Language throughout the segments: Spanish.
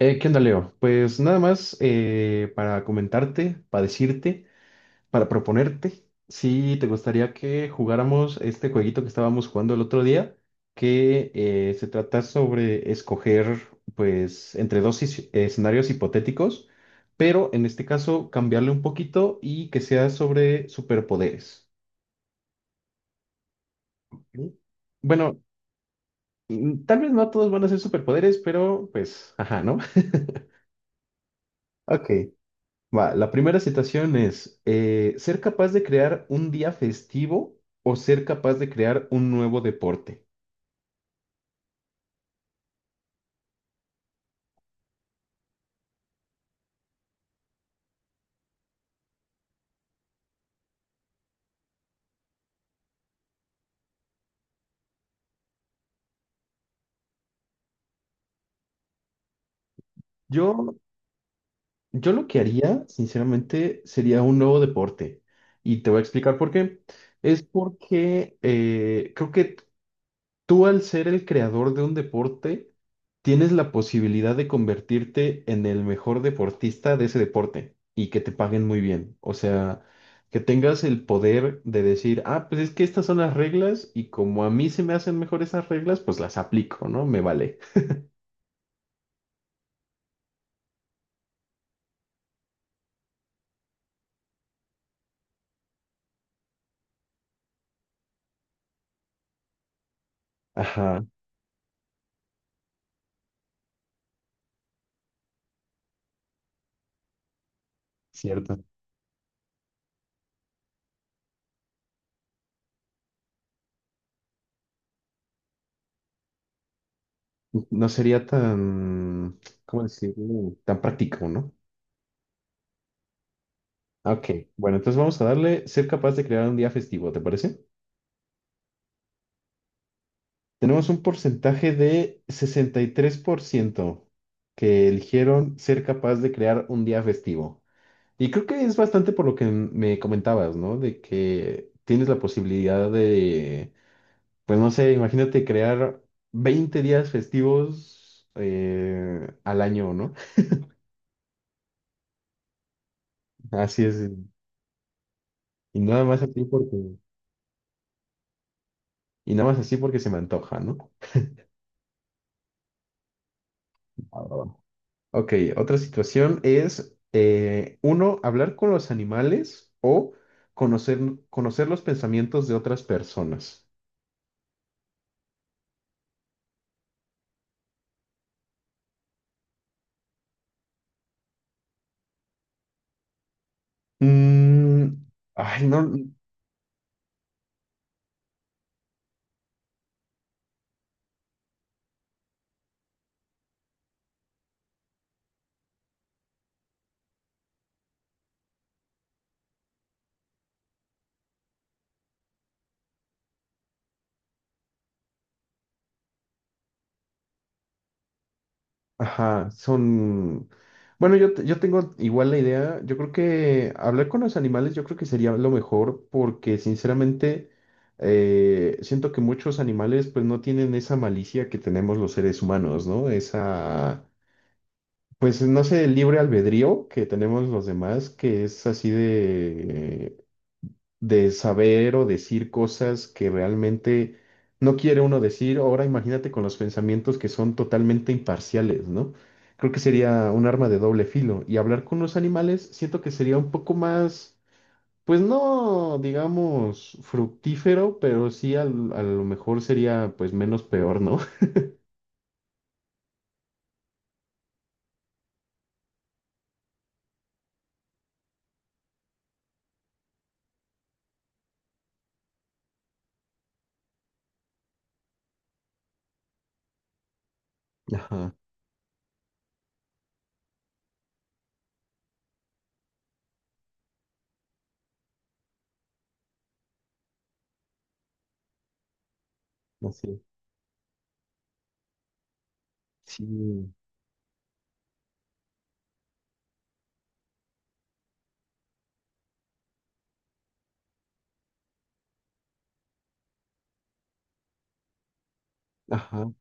¿Qué onda, Leo? Pues nada más para comentarte, para decirte, para proponerte si te gustaría que jugáramos este jueguito que estábamos jugando el otro día, que se trata sobre escoger, pues, entre dos escenarios hipotéticos, pero en este caso cambiarle un poquito y que sea sobre superpoderes. ¿Ok? Bueno, tal vez no todos van a ser superpoderes, pero pues, ajá, ¿no? Ok. Va, la primera citación es, ¿ser capaz de crear un día festivo o ser capaz de crear un nuevo deporte? Yo, yo lo que haría, sinceramente, sería un nuevo deporte. Y te voy a explicar por qué. Es porque creo que tú, al ser el creador de un deporte, tienes la posibilidad de convertirte en el mejor deportista de ese deporte y que te paguen muy bien. O sea, que tengas el poder de decir, ah, pues es que estas son las reglas y como a mí se me hacen mejor esas reglas, pues las aplico, ¿no? Me vale. Ajá. Cierto. No sería tan, ¿cómo decirlo? Tan práctico, ¿no? Ok, bueno, entonces vamos a darle ser capaz de crear un día festivo, ¿te parece? Tenemos un porcentaje de 63% que eligieron ser capaz de crear un día festivo. Y creo que es bastante por lo que me comentabas, ¿no? De que tienes la posibilidad de, pues no sé, imagínate crear 20 días festivos al año, ¿no? Así es. Y nada más así porque, y nada más así porque se me antoja, ¿no? Ok, otra situación es, uno, hablar con los animales o conocer, conocer los pensamientos de otras personas. Mm, ay, no, ajá, son... Bueno, yo tengo igual la idea, yo creo que hablar con los animales yo creo que sería lo mejor porque sinceramente siento que muchos animales pues no tienen esa malicia que tenemos los seres humanos, ¿no? Esa... Pues no sé, el libre albedrío que tenemos los demás, que es así de saber o decir cosas que realmente no quiere uno decir. Ahora imagínate con los pensamientos que son totalmente imparciales, ¿no? Creo que sería un arma de doble filo. Y hablar con los animales siento que sería un poco más, pues no, digamos, fructífero, pero sí a lo mejor sería pues menos peor, ¿no? Ajá, así. Sí, ajá.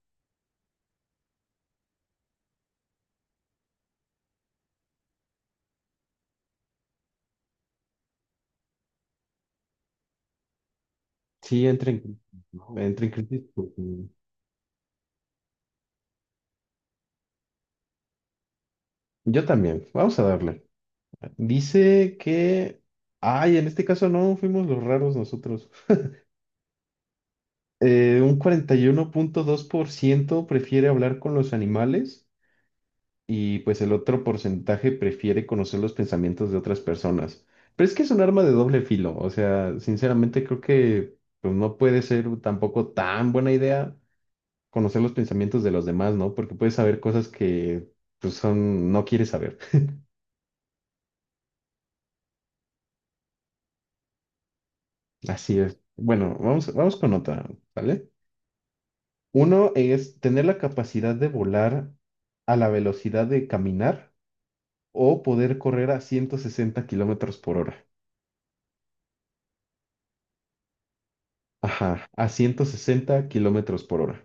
Sí, entra en crisis, ¿no? Entra en crisis porque... Yo también, vamos a darle. Dice que... Ay, en este caso no, fuimos los raros nosotros. Un 41.2% prefiere hablar con los animales y pues el otro porcentaje prefiere conocer los pensamientos de otras personas. Pero es que es un arma de doble filo, o sea, sinceramente creo que pues no puede ser tampoco tan buena idea conocer los pensamientos de los demás, ¿no? Porque puedes saber cosas que pues son, no quieres saber. Así es. Bueno, vamos, vamos con otra, ¿vale? Uno es tener la capacidad de volar a la velocidad de caminar o poder correr a 160 km/h. Ajá, a 160 km/h.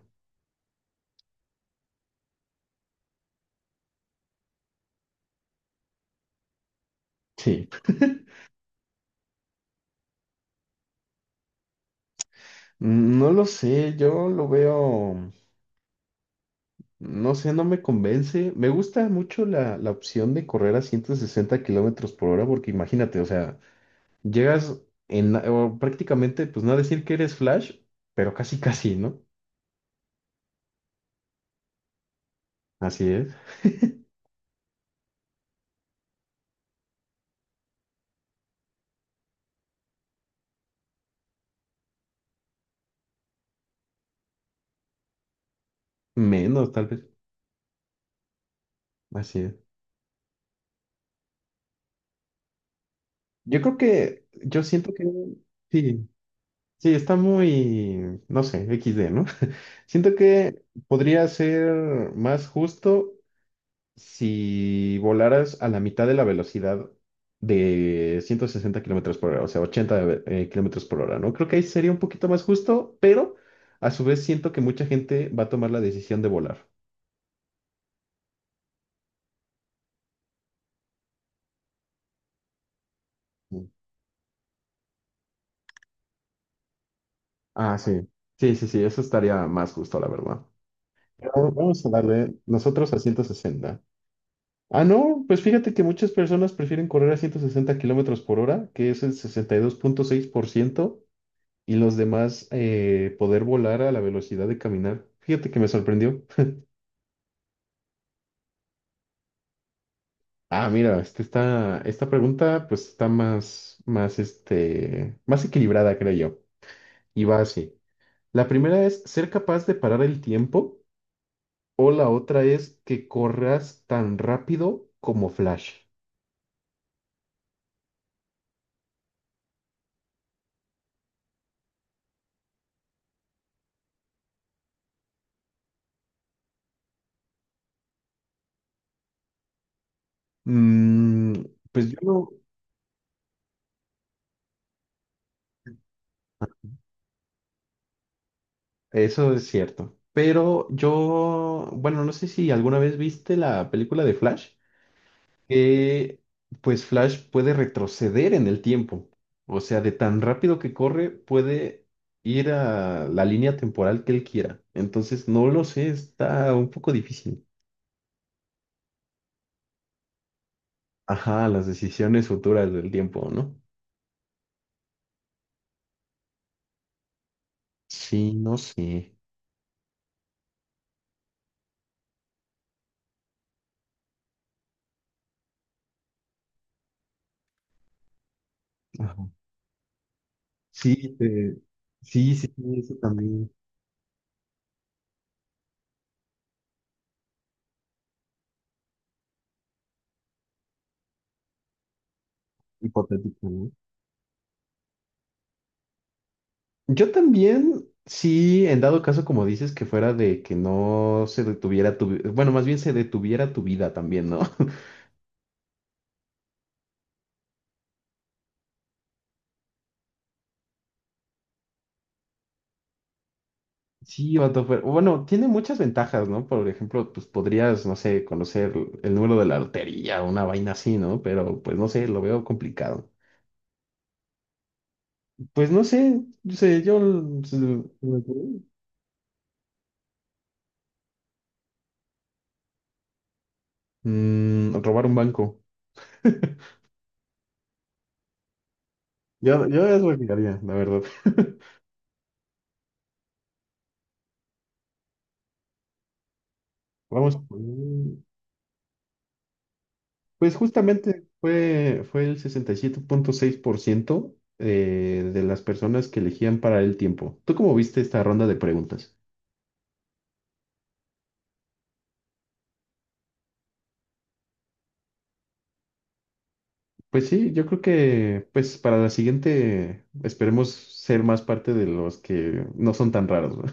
Sí. No lo sé, yo lo veo, no sé, no me convence. Me gusta mucho la opción de correr a 160 km/h porque imagínate, o sea, llegas en, o prácticamente, pues no decir que eres Flash, pero casi casi, ¿no? Así es. Menos, tal vez. Así es. Yo creo que, yo siento que, sí, sí, está muy, no sé, XD, ¿no? Siento que podría ser más justo si volaras a la mitad de la velocidad de 160 km/h, o sea, 80 kilómetros por hora, ¿no? Creo que ahí sería un poquito más justo, pero a su vez siento que mucha gente va a tomar la decisión de volar. Mm. Ah, sí. Sí, sí, sí, eso estaría más justo, la verdad. Pero vamos a darle nosotros a 160. Ah, no, pues fíjate que muchas personas prefieren correr a 160 km/h, que es el 62.6%. Y los demás poder volar a la velocidad de caminar. Fíjate que me sorprendió. Ah, mira, este está, esta pregunta pues está este, más equilibrada, creo yo. Y va así. La primera es ser capaz de parar el tiempo o la otra es que corras tan rápido como Flash. Mm, pues yo no, eso es cierto. Pero yo, bueno, no sé si alguna vez viste la película de Flash, que pues Flash puede retroceder en el tiempo. O sea, de tan rápido que corre, puede ir a la línea temporal que él quiera. Entonces, no lo sé, está un poco difícil. Ajá, las decisiones futuras del tiempo, ¿no? Sí, no sé. Ajá. Sí, sí, sí, sí, eso también hipotético, ¿no? Yo también, sí, en dado caso, como dices, que fuera de que no se detuviera tu, bueno, más bien se detuviera tu vida también, ¿no? Sí, vato, bueno, tiene muchas ventajas, ¿no? Por ejemplo, pues podrías, no sé, conocer el número de la lotería o una vaina así, ¿no? Pero pues no sé, lo veo complicado. Pues no sé, yo sé, yo... Robar un banco. Yo eso lo que haría, la verdad. Vamos a poner... Pues justamente fue el 67.6% de las personas que elegían para el tiempo. ¿Tú cómo viste esta ronda de preguntas? Pues sí, yo creo que pues para la siguiente esperemos ser más parte de los que no son tan raros, ¿no?